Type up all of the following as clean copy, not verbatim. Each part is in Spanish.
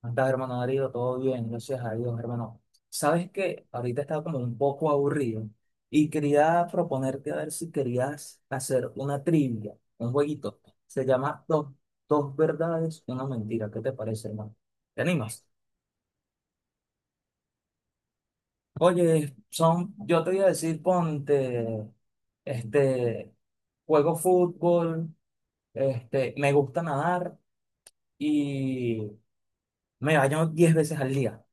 ¿Cómo estás, hermano Darío? Todo bien, gracias a Dios, hermano. Sabes que ahorita estaba como un poco aburrido y quería proponerte a ver si querías hacer una trivia, un jueguito. Se llama Dos, dos verdades, una mentira. ¿Qué te parece, hermano? ¿Te animas? Oye, son, yo te voy a decir, ponte, este, juego fútbol, me gusta nadar y me baño 10 veces al día.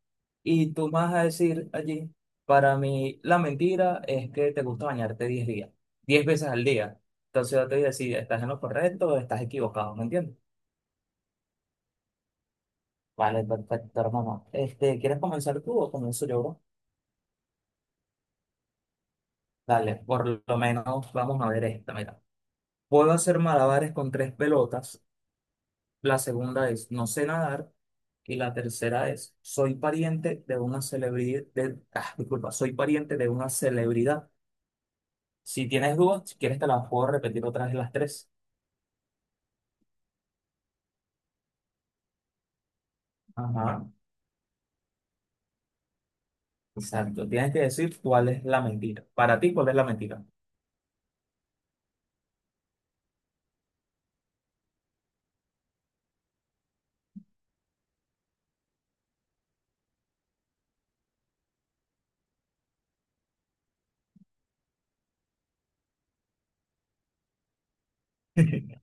Y tú vas a decir allí, para mí la mentira es que te gusta bañarte 10 días, 10 veces al día. Entonces yo te voy a decir, ¿estás en lo correcto o estás equivocado? ¿Me entiendes? Vale, perfecto, hermano. Este, ¿quieres comenzar tú o comienzo yo, bro? Dale, por lo menos vamos a ver esta, mira. Puedo hacer malabares con tres pelotas. La segunda es no sé nadar. Y la tercera es soy pariente de una celebridad, de, ah, disculpa, soy pariente de una celebridad. Si tienes dudas, si quieres te las puedo repetir otras vez las tres. Ajá, exacto. Tienes que decir cuál es la mentira. Para ti, ¿cuál es la mentira?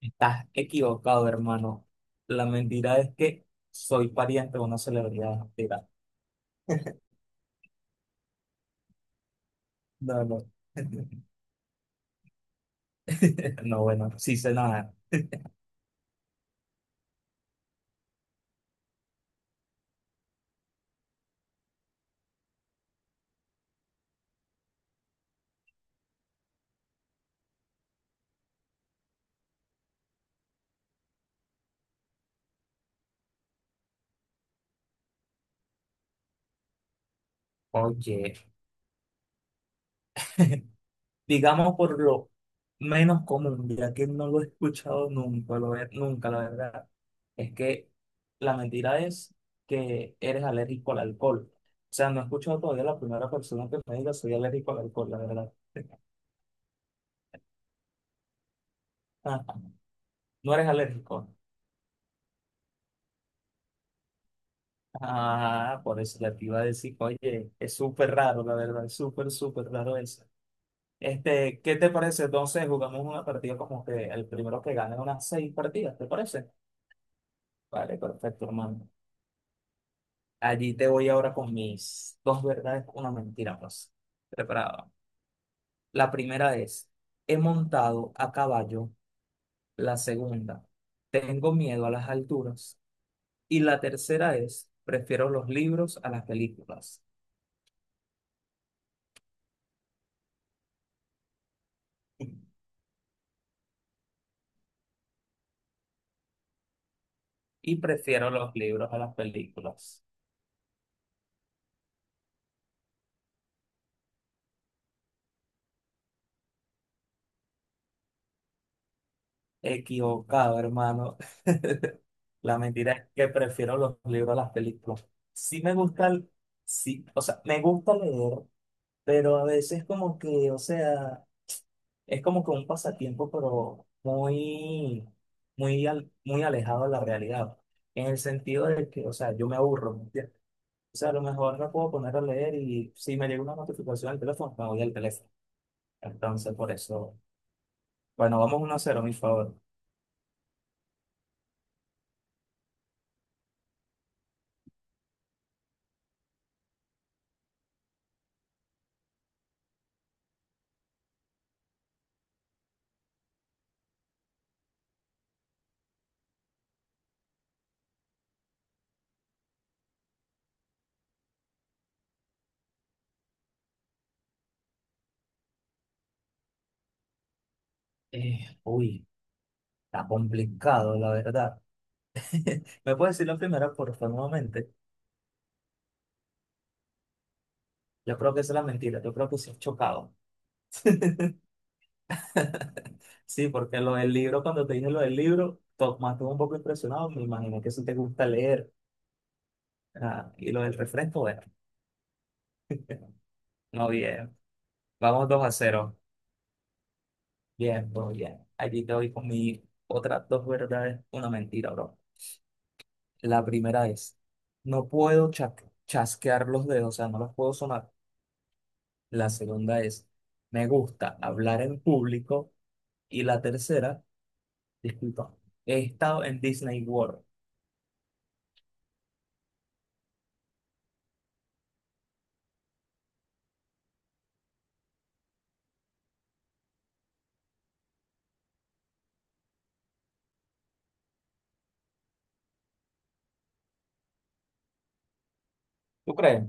Estás equivocado, hermano. La mentira es que soy pariente de una celebridad. Mira, no, no. No, bueno, sí sé nada. Oye, digamos por lo menos común, ya que no lo he escuchado nunca, nunca, la verdad, es que la mentira es que eres alérgico al alcohol. O sea, no he escuchado todavía la primera persona que me diga soy alérgico al alcohol, la verdad. Ah, no eres alérgico. Ah, por eso ya te iba a decir, oye, es súper raro, la verdad, es súper, súper raro eso. Este, ¿qué te parece? Entonces, jugamos una partida como que el primero que gane unas seis partidas, ¿te parece? Vale, perfecto, hermano. Allí te voy ahora con mis dos verdades, una mentira, pues. Preparado. La primera es, he montado a caballo. La segunda, tengo miedo a las alturas. Y la tercera es, prefiero los libros a las películas. Y prefiero los libros a las películas. Equivocado, hermano. La mentira es que prefiero los libros a las películas. Sí me gusta, sí, o sea, me gusta leer, pero a veces como que, o sea, es como que un pasatiempo, pero muy, muy, muy alejado de la realidad, en el sentido de que, o sea, yo me aburro, ¿me entiendes? O sea, a lo mejor me puedo poner a leer y si me llega una notificación al teléfono, me voy al teléfono. Entonces, por eso, bueno, vamos 1-0, mi favor. Uy, está complicado, la verdad. ¿Me puedes decir la primera, por favor, nuevamente? Yo creo que esa es la mentira, yo creo que sí es chocado. Sí, porque lo del libro, cuando te dije lo del libro, Tomás estuvo un poco impresionado, me imaginé que si te gusta leer. Ah, y lo del refresco, bueno, no bien. Vamos 2-0. Bien, bro, bien. Allí te voy con mi otras dos verdades, una mentira, bro. La primera es, no puedo chasquear los dedos, o sea, no los puedo sonar. La segunda es, me gusta hablar en público. Y la tercera, disculpa, he estado en Disney World. ¿Tú crees?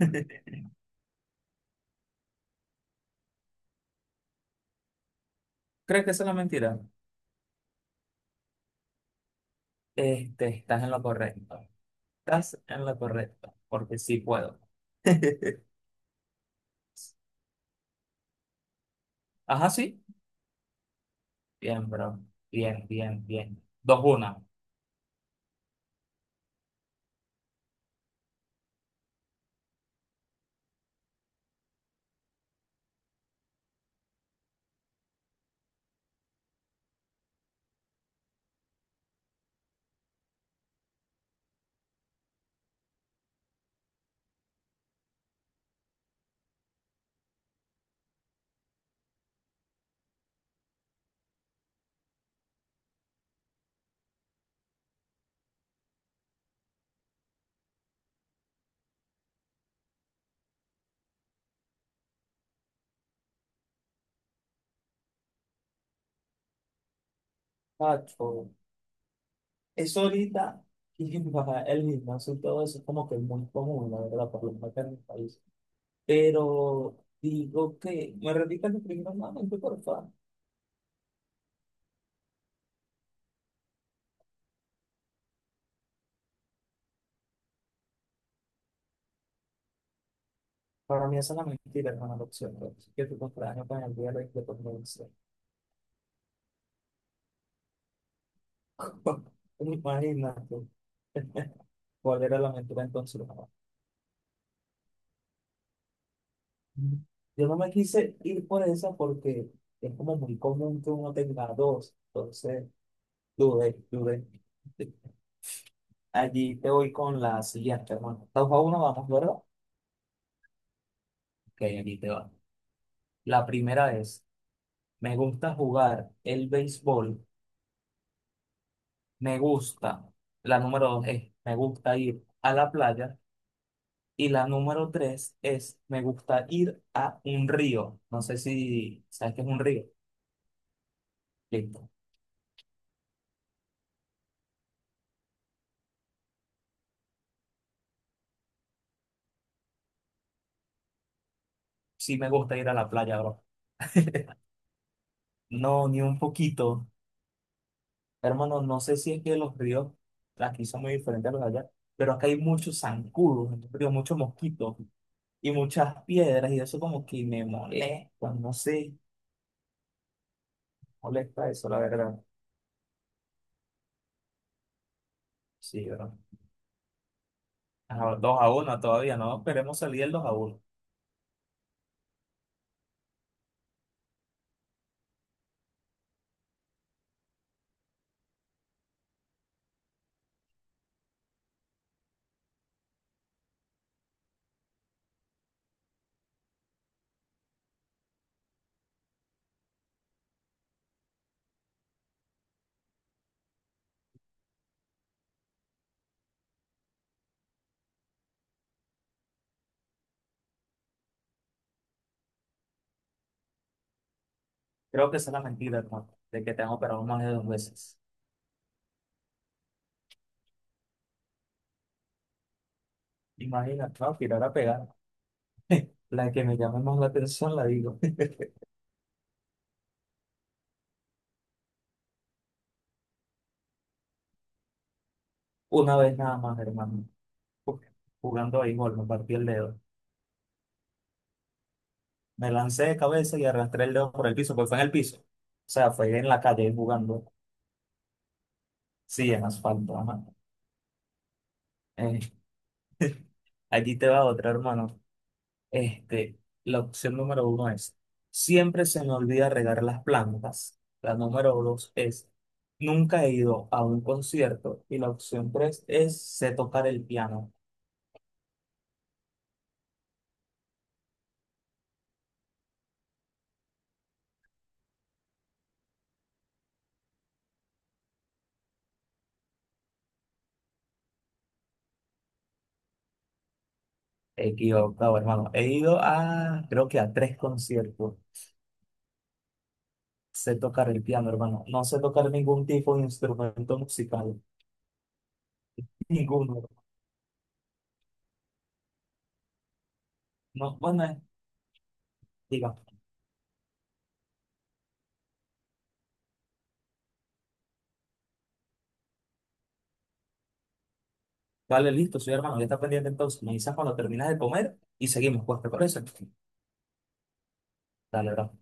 ¿Crees que esa es la mentira? Este, estás en lo correcto. Estás en lo correcto, porque sí puedo. Ajá, sí. Bien, bro. Bien, bien, bien. Dos, una. Pacho, eso ahorita, y va, el gimnasio y todo eso es como que muy común, la verdad, por lo menos acá en mi país. Pero digo que, me repitas lo primero nuevamente, por favor. Para mí esa es la mentira, hermano, la opción, bro. Así que tu cumpleaños con el día de la independencia. Imagínate. ¿Cuál era la mentira entonces? No. Yo no me quise ir por esa porque es como muy común que uno tenga dos. Entonces, dudé, dudé. Allí te voy con la siguiente, hermano. 2-1, vamos, ¿verdad? Ok, aquí te va. La primera es, me gusta jugar el béisbol, me gusta. La número dos es, me gusta ir a la playa. Y la número tres es, me gusta ir a un río. No sé si sabes qué es un río. Listo. Sí me gusta ir a la playa, bro. No, ni un poquito. Hermano, no sé si es que los ríos aquí son muy diferentes a los de allá, pero acá hay muchos zancudos, en los ríos, muchos mosquitos y muchas piedras, y eso como que me molesta, no sé, molesta eso, la verdad. Sí, ¿verdad? Ajá, 2-1 todavía, no esperemos salir del 2-1. Creo que esa es la mentira, hermano, de que te han operado más de dos veces. Imagínate, no, tirar a pegar. La que me llame más la atención la digo. Una vez nada más, hermano. Uf, jugando ahí, gol, me partí el dedo. Me lancé de cabeza y arrastré el dedo por el piso, porque fue en el piso. O sea, fue en la calle jugando. Sí, en asfalto, ajá. Eh, allí te va otra, hermano. Este, la opción número uno es, siempre se me olvida regar las plantas. La número dos es, nunca he ido a un concierto. Y la opción tres es, sé tocar el piano. Equivocado, hermano. He ido a, creo que a tres conciertos. Sé tocar el piano, hermano. No sé tocar ningún tipo de instrumento musical. Ninguno. No, bueno, diga, vale, listo, soy hermano, ya está pendiente entonces. Me avisas cuando terminas de comer y seguimos, pues, ¿te parece? Dale, bro.